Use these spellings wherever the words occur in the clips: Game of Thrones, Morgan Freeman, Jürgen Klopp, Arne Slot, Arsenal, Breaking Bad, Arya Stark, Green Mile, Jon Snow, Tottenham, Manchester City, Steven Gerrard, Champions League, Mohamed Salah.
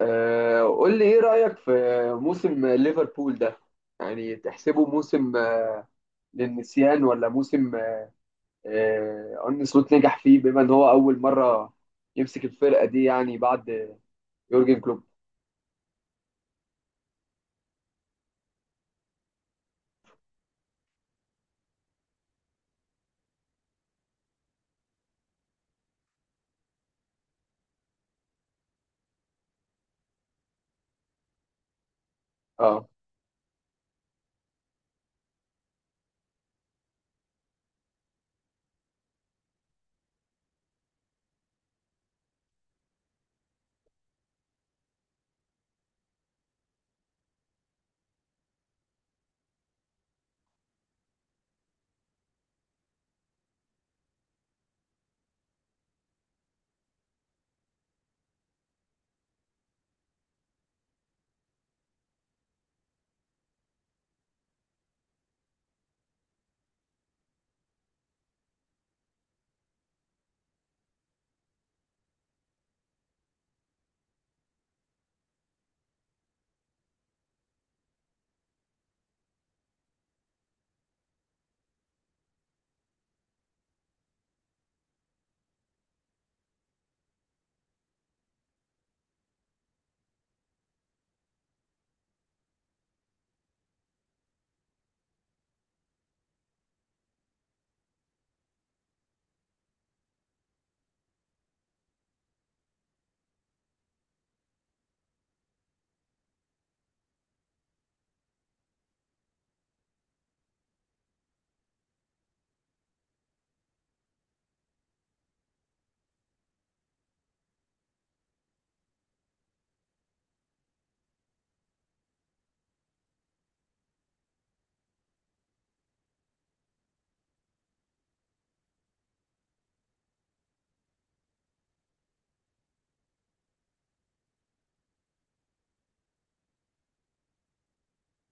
قول لي ايه رأيك في موسم ليفربول ده؟ يعني تحسبه موسم للنسيان، ولا موسم ارن سلوت نجح فيه بما ان هو اول مرة يمسك الفرقة دي، يعني بعد يورجن كلوب؟ اه،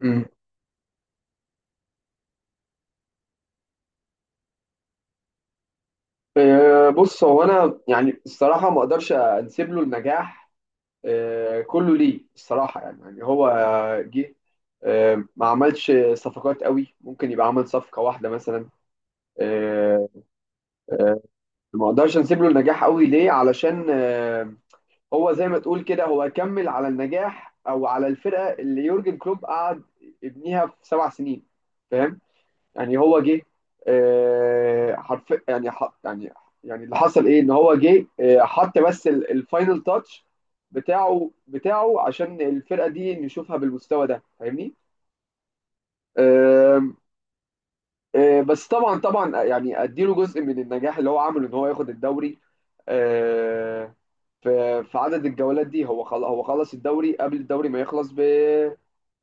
أمم. بص، هو انا يعني الصراحة ما اقدرش انسب له النجاح كله ليه، الصراحة. يعني هو جه، ما عملش صفقات قوي، ممكن يبقى عمل صفقة واحدة مثلا. آه، آه، ما اقدرش نسيب له النجاح قوي ليه، علشان هو زي ما تقول كده هو كمل على النجاح او على الفرقه اللي يورجن كلوب قعد يبنيها في سبع سنين، فاهم؟ يعني هو جه آه، حرف يعني ح- يعني يعني اللي حصل ايه، ان هو جه حط بس الفاينل تاتش بتاعه عشان الفرقه دي نشوفها بالمستوى ده، فاهمني؟ آم، آه، بس طبعا يعني اديله جزء من النجاح اللي هو عمله، ان هو ياخد الدوري آه، في عدد الجولات دي. هو هو خلص الدوري قبل الدوري ما يخلص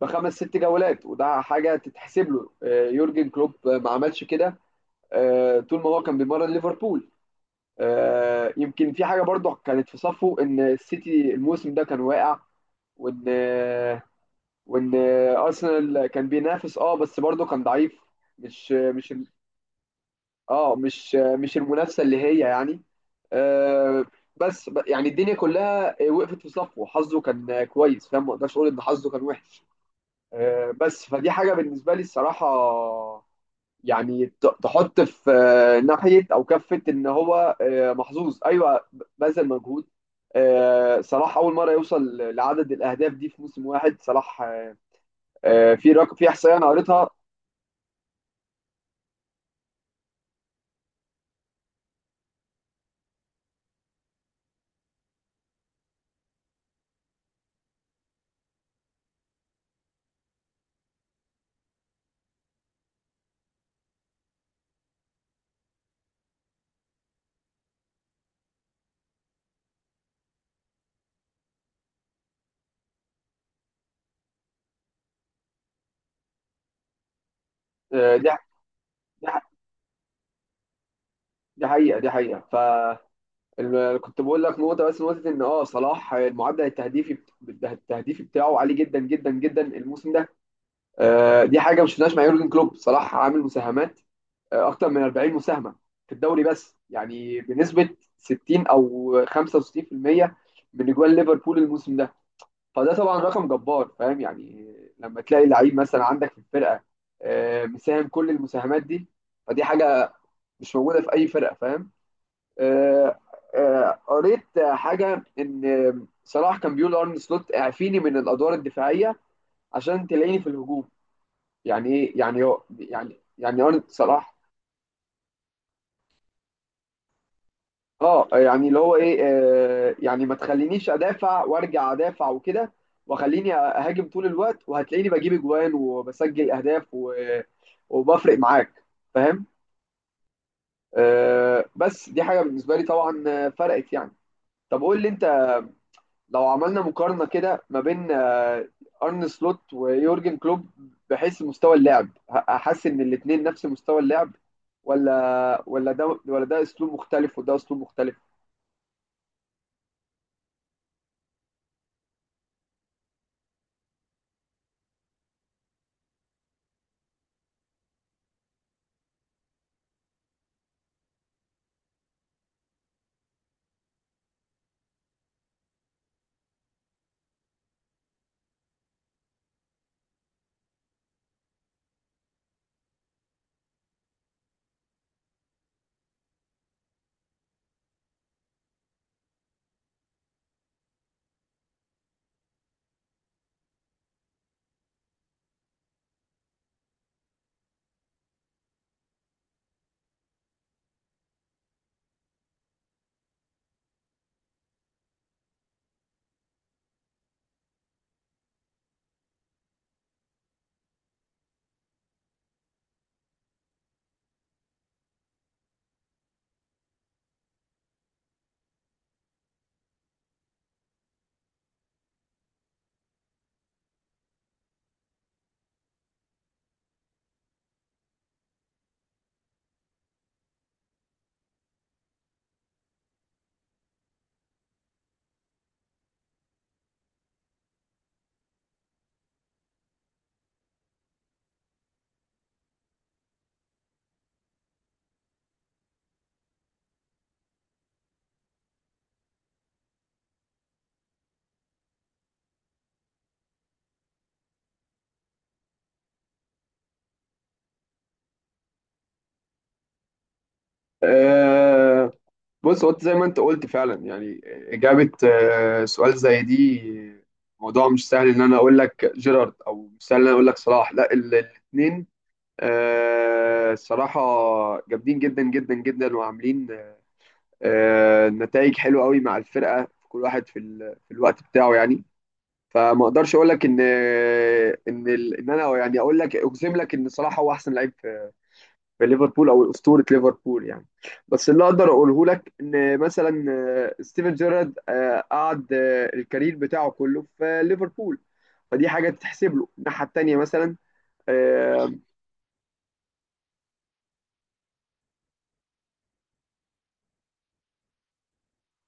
بخمس ست جولات، وده حاجه تتحسب له. يورجن كلوب ما عملش كده طول ما هو كان بيمرن ليفربول. يمكن في حاجه برضه كانت في صفه، ان السيتي الموسم ده كان واقع، وان وان ارسنال كان بينافس اه بس برضه كان ضعيف، مش مش اه، مش المنافسه اللي هي يعني آه بس يعني الدنيا كلها وقفت في صفه، حظه كان كويس، فاهم؟ ما اقدرش اقول ان حظه كان وحش بس فدي حاجه بالنسبه لي الصراحه. يعني تحط في ناحيه او كفه ان هو محظوظ، ايوه، بذل مجهود. آه صلاح اول مره يوصل لعدد الاهداف دي في موسم واحد، صلاح في رقم، في احصائيه انا قريتها. آه دي دي دي حقيقه، حقيقه. ف كنت بقول لك نقطة، بس نقطة، إن أه صلاح المعدل التهديفي التهديفي بتاعه عالي جدا جدا جدا الموسم ده. دي حاجة ما شفناهاش مع يورجن كلوب. صلاح عامل مساهمات أكتر من 40 مساهمة في الدوري بس، يعني بنسبة 60 أو 65% من أجوان ليفربول الموسم ده. فده طبعا رقم جبار، فاهم يعني؟ لما تلاقي لعيب مثلا عندك في الفرقة مساهم كل المساهمات دي، فدي حاجة مش موجودة في أي فرقة، فاهم؟ آه، قريت حاجه ان صلاح كان بيقول لارن سلوت اعفيني من الادوار الدفاعيه عشان تلاقيني في الهجوم. يعني ايه يعني، هو يعني ارن صلاح اه يعني اللي هو ايه، يعني ما تخلينيش ادافع وارجع ادافع وكده، وخليني اهاجم طول الوقت وهتلاقيني بجيب اجوان وبسجل اهداف و... وبفرق معاك، فاهم؟ بس دي حاجه بالنسبه لي طبعا فرقت يعني. طب قول لي انت، لو عملنا مقارنه كده ما بين ارن سلوت ويورجن كلوب، بحيث مستوى اللعب هحس ان الاثنين نفس مستوى اللعب، ولا ده ولا ده اسلوب مختلف وده اسلوب مختلف؟ أه، بص، هو زي ما انت قلت فعلا يعني اجابه أه سؤال زي دي موضوع مش سهل. ان انا اقول لك جيرارد او مش سهل ان انا اقول لك صلاح، لا الاثنين أه صراحه جامدين جدا جدا جدا، وعاملين نتائج حلوه قوي مع الفرقه، كل واحد في في الوقت بتاعه يعني. فما اقدرش اقول لك ان ان انا يعني اقول لك اجزم لك ان صلاح هو احسن لعيب في... في ليفربول او اسطوره ليفربول يعني. بس اللي اقدر اقوله لك ان مثلا ستيفن جيرارد قعد الكارير بتاعه كله في ليفربول، فدي حاجه تتحسب له الناحيه التانيه مثلا. آه،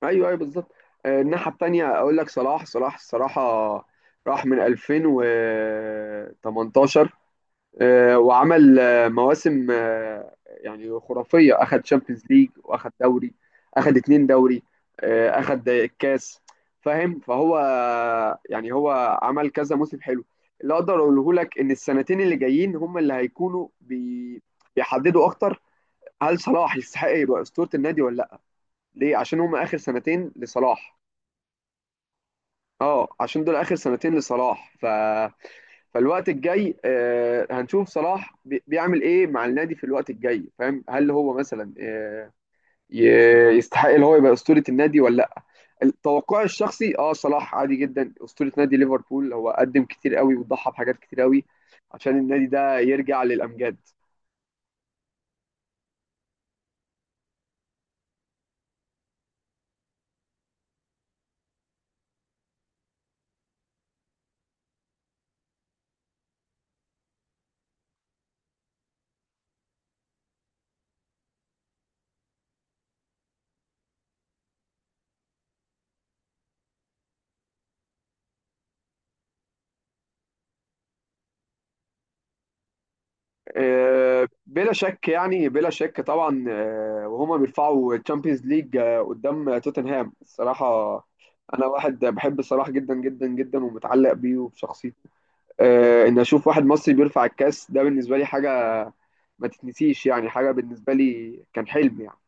ايوه ايوه بالظبط. الناحيه التانيه اقول لك صلاح. صلاح الصراحه راح من 2018 وعمل مواسم يعني خرافيه. اخد شامبيونز ليج، واخد دوري، اخد اتنين دوري اخد الكاس، فاهم؟ فهو يعني هو عمل كذا موسم حلو. اللي اقدر اقوله لك ان السنتين اللي جايين هم اللي هيكونوا بيحددوا اكتر هل صلاح يستحق يبقى اسطوره النادي ولا لا، ليه؟ عشان هم اخر سنتين لصلاح. اه، عشان دول اخر سنتين لصلاح. ف... فالوقت الجاي آه هنشوف صلاح بيعمل ايه مع النادي في الوقت الجاي، فاهم؟ هل هو مثلا آه يستحق ان هو يبقى اسطوره النادي ولا لا؟ توقعي الشخصي اه صلاح عادي جدا اسطوره نادي ليفربول. هو قدم كتير قوي، وضحى بحاجات كتير قوي عشان النادي ده يرجع للامجاد. بلا شك يعني، بلا شك طبعا، وهما بيرفعوا تشامبيونز ليج قدام توتنهام الصراحة أنا واحد بحب صلاح جدا جدا جدا، ومتعلق بيه وبشخصيته. إن أشوف واحد مصري بيرفع الكاس ده بالنسبة لي حاجة ما تتنسيش يعني، حاجة بالنسبة لي كان حلم يعني.